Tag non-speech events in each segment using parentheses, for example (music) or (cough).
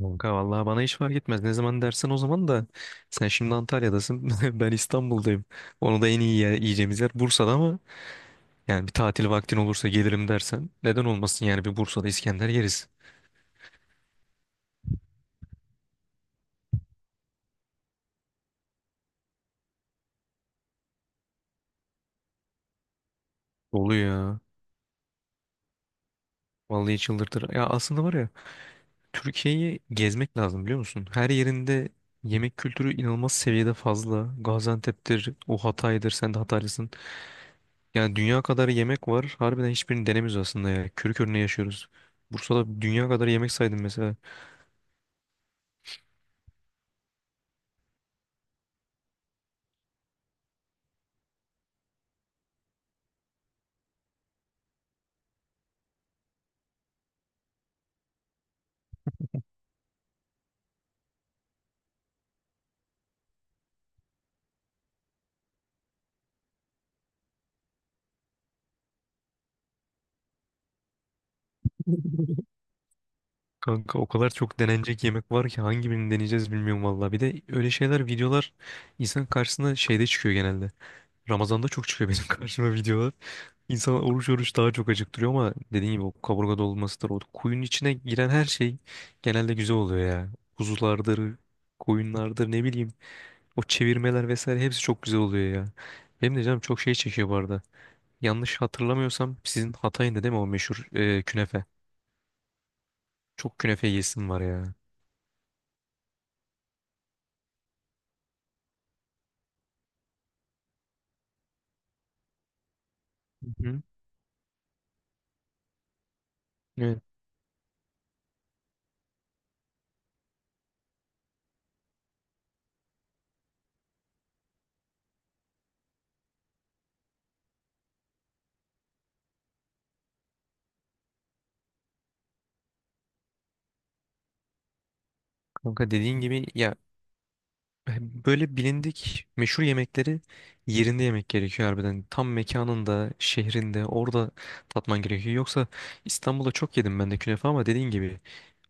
Kanka vallahi bana hiç fark etmez. Ne zaman dersen o zaman da sen şimdi Antalya'dasın. (laughs) Ben İstanbul'dayım. Onu da en iyi yiyeceğimiz yer Bursa'da ama yani bir tatil vaktin olursa gelirim dersen neden olmasın yani bir Bursa'da İskender yeriz. Oluyor ya. Vallahi çıldırtır. Ya aslında var ya Türkiye'yi gezmek lazım biliyor musun? Her yerinde yemek kültürü inanılmaz seviyede fazla. Gaziantep'tir, o Hatay'dır, sen de Hataylısın. Yani dünya kadar yemek var. Harbiden hiçbirini denemiyoruz aslında ya. Körü körüne yaşıyoruz. Bursa'da dünya kadar yemek saydım mesela. Kanka o kadar çok denenecek yemek var ki hangi birini deneyeceğiz bilmiyorum valla. Bir de öyle şeyler videolar insan karşısına şeyde çıkıyor genelde. Ramazan'da çok çıkıyor benim (laughs) karşıma videolar. İnsan oruç oruç daha çok acıktırıyor ama dediğin gibi o kaburga dolmasıdır. O kuyunun içine giren her şey genelde güzel oluyor ya. Kuzulardır, koyunlardır ne bileyim. O çevirmeler vesaire hepsi çok güzel oluyor ya. Benim de canım çok şey çekiyor bu arada. Yanlış hatırlamıyorsam sizin Hatay'ın da değil mi o meşhur künefe? Çok künefe yesim var ya. Hı. Kanka dediğin gibi ya böyle bilindik meşhur yemekleri yerinde yemek gerekiyor harbiden. Tam mekanında, şehrinde, orada tatman gerekiyor. Yoksa İstanbul'da çok yedim ben de künefe ama dediğin gibi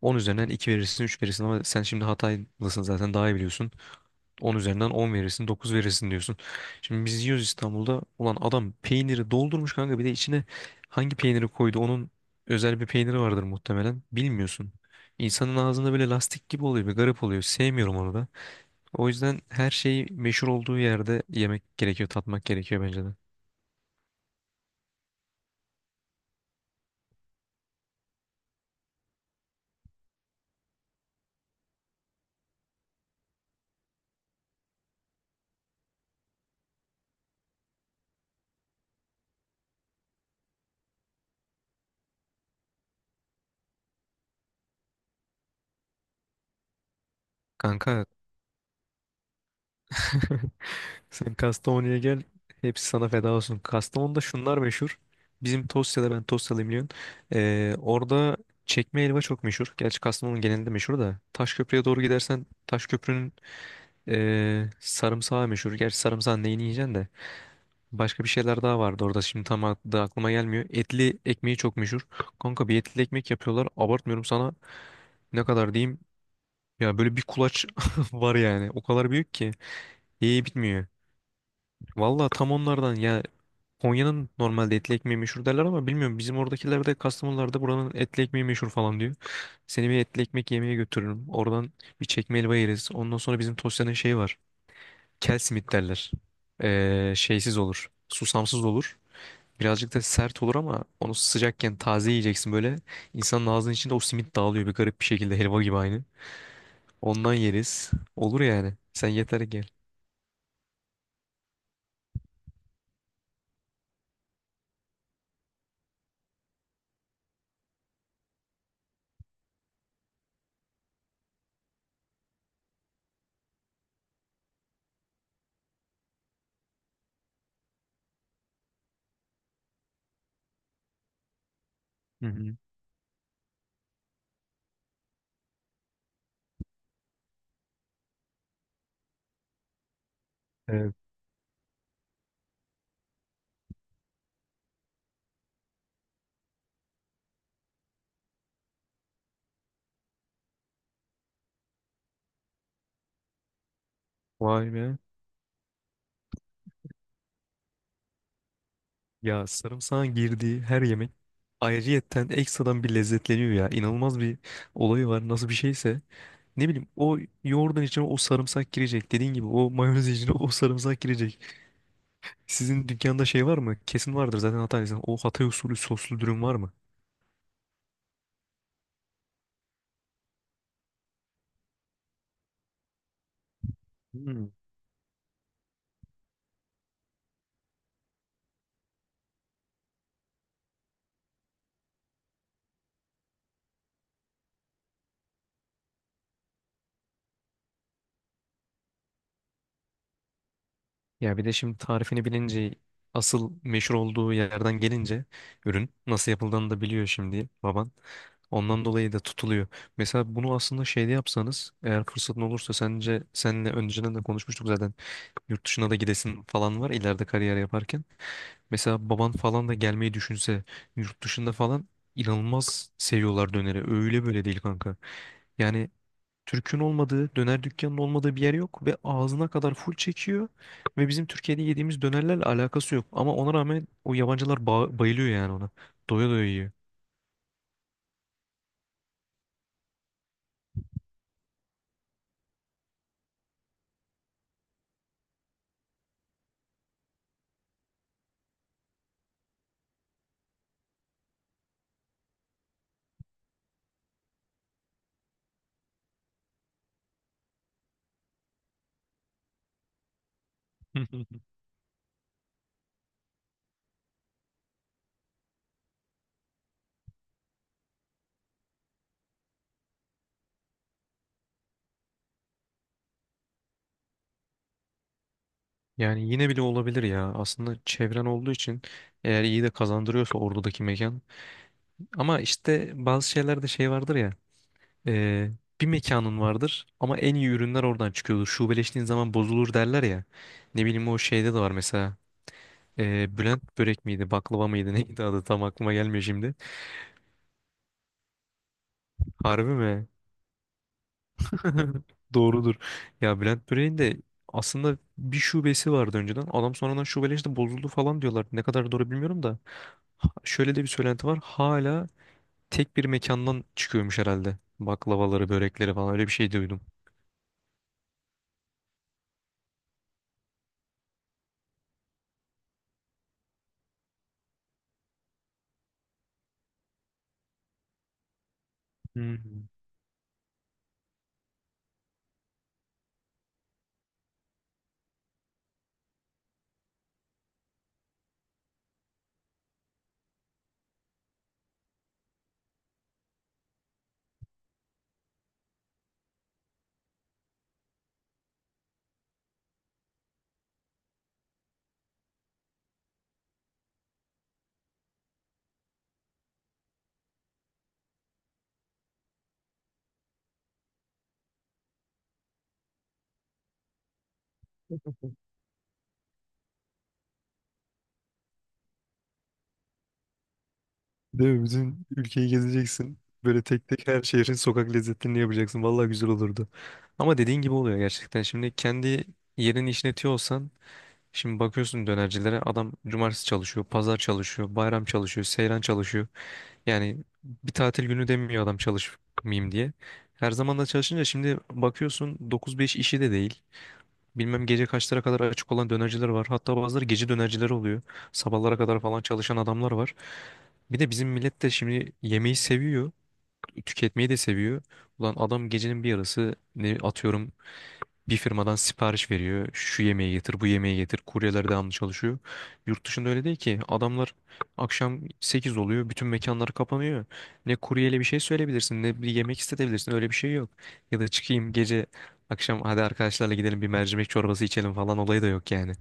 10 üzerinden 2 verirsin, 3 verirsin ama sen şimdi Hataylısın zaten daha iyi biliyorsun. 10 üzerinden 10 verirsin, 9 verirsin diyorsun. Şimdi biz yiyoruz İstanbul'da. Ulan adam peyniri doldurmuş kanka. Bir de içine hangi peyniri koydu? Onun özel bir peyniri vardır muhtemelen. Bilmiyorsun. İnsanın ağzında böyle lastik gibi oluyor. Bir garip oluyor. Sevmiyorum onu da. O yüzden her şeyi meşhur olduğu yerde yemek gerekiyor, tatmak gerekiyor bence de. Kanka (laughs) sen Kastamonu'ya gel. Hepsi sana feda olsun. Kastamonu'da şunlar meşhur. Bizim Tosya'da ben Tosyalıyım biliyorsun. Orada çekme helva çok meşhur. Gerçi Kastamonu genelinde meşhur da. Taşköprü'ye doğru gidersen Taşköprü'nün sarımsağı meşhur. Gerçi sarımsağın neyini yiyeceksin de. Başka bir şeyler daha vardı orada. Şimdi tam adı aklıma gelmiyor. Etli ekmeği çok meşhur. Kanka bir etli ekmek yapıyorlar. Abartmıyorum sana. Ne kadar diyeyim? Ya böyle bir kulaç (laughs) var yani. O kadar büyük ki. Ye bitmiyor. Valla tam onlardan ya Konya'nın normalde etli ekmeği meşhur derler ama bilmiyorum bizim oradakiler de Kastamonular da buranın etli ekmeği meşhur falan diyor. Seni bir etli ekmek yemeye götürürüm. Oradan bir çekme helva yeriz. Ondan sonra bizim Tosya'nın şeyi var. Kel simit derler. Şeysiz olur. Susamsız olur. Birazcık da sert olur ama onu sıcakken taze yiyeceksin böyle. İnsanın ağzının içinde o simit dağılıyor bir garip bir şekilde helva gibi aynı. Ondan yeriz. Olur yani. Sen yeter ki gel. Hı hı. Evet. Vay be. Ya sarımsağın girdiği her yemek ayrıyetten ekstradan bir lezzetleniyor ya. İnanılmaz bir olayı var. Nasıl bir şeyse. Ne bileyim o yoğurdun içine o sarımsak girecek. Dediğin gibi o mayonez içine o sarımsak girecek. Sizin dükkanda şey var mı? Kesin vardır zaten Hataylıysan. O Hatay usulü soslu dürüm var mı? Hmm. Ya bir de şimdi tarifini bilince asıl meşhur olduğu yerden gelince ürün nasıl yapıldığını da biliyor şimdi baban. Ondan dolayı da tutuluyor. Mesela bunu aslında şeyde yapsanız eğer fırsatın olursa sence seninle önceden de konuşmuştuk zaten yurt dışına da gidesin falan var ileride kariyer yaparken. Mesela baban falan da gelmeyi düşünse yurt dışında falan inanılmaz seviyorlar döneri. Öyle böyle değil kanka. Yani Türk'ün olmadığı, döner dükkanının olmadığı bir yer yok ve ağzına kadar full çekiyor ve bizim Türkiye'de yediğimiz dönerlerle alakası yok. Ama ona rağmen o yabancılar bayılıyor yani ona. Doya doya yiyor. (laughs) Yani yine bile olabilir ya. Aslında çevren olduğu için eğer iyi de kazandırıyorsa oradaki mekan. Ama işte bazı şeylerde şey vardır ya. e, Bir mekanın vardır ama en iyi ürünler oradan çıkıyordur. Şubeleştiğin zaman bozulur derler ya. Ne bileyim o şeyde de var mesela. Bülent börek miydi, baklava mıydı, (laughs) neydi adı tam aklıma gelmiyor şimdi. Harbi mi? (laughs) Doğrudur. Ya Bülent böreğin de aslında bir şubesi vardı önceden. Adam sonradan şubeleşti, işte bozuldu falan diyorlar. Ne kadar doğru bilmiyorum da. Şöyle de bir söylenti var. Hala tek bir mekandan çıkıyormuş herhalde. Baklavaları, börekleri falan öyle bir şey duydum. Hı hı. (laughs) Değil mi? Bütün ülkeyi gezeceksin. Böyle tek tek her şehrin sokak lezzetlerini yapacaksın. Vallahi güzel olurdu. Ama dediğin gibi oluyor gerçekten. Şimdi kendi yerini işletiyor olsan şimdi bakıyorsun dönercilere adam cumartesi çalışıyor, pazar çalışıyor, bayram çalışıyor, seyran çalışıyor. Yani bir tatil günü demiyor adam çalışmayayım diye. Her zaman da çalışınca şimdi bakıyorsun 9-5 işi de değil. Bilmem gece kaçlara kadar açık olan dönerciler var. Hatta bazıları gece dönercileri oluyor. Sabahlara kadar falan çalışan adamlar var. Bir de bizim millet de şimdi yemeği seviyor. Tüketmeyi de seviyor. Ulan adam gecenin bir yarısı ne atıyorum bir firmadan sipariş veriyor. Şu yemeği getir, bu yemeği getir. Kuryeler devamlı çalışıyor. Yurt dışında öyle değil ki. Adamlar akşam 8 oluyor. Bütün mekanlar kapanıyor. Ne kuryeyle bir şey söyleyebilirsin, ne bir yemek istetebilirsin. Öyle bir şey yok. Ya da çıkayım gece akşam hadi arkadaşlarla gidelim bir mercimek çorbası içelim falan olayı da yok yani.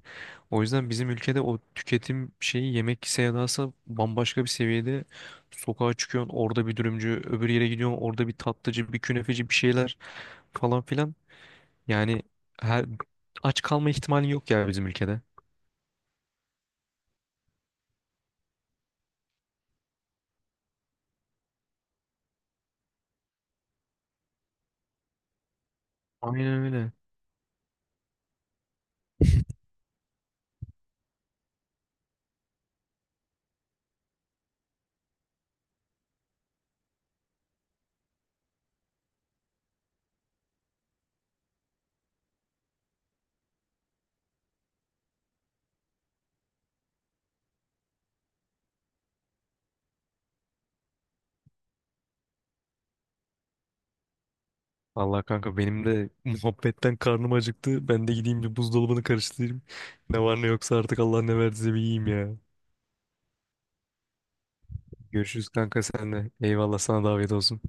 O yüzden bizim ülkede o tüketim şeyi yemek sevdası bambaşka bir seviyede. Sokağa çıkıyorsun orada bir dürümcü, öbür yere gidiyorsun orada bir tatlıcı, bir künefeci bir şeyler falan filan. Yani her aç kalma ihtimali yok ya bizim ülkede. Aynen öyle. Allah kanka benim de (laughs) muhabbetten karnım acıktı. Ben de gideyim bir buzdolabını karıştırayım. Ne var ne yoksa artık Allah ne verdiyse bir yiyeyim ya. Görüşürüz kanka senle. Eyvallah sana davet olsun.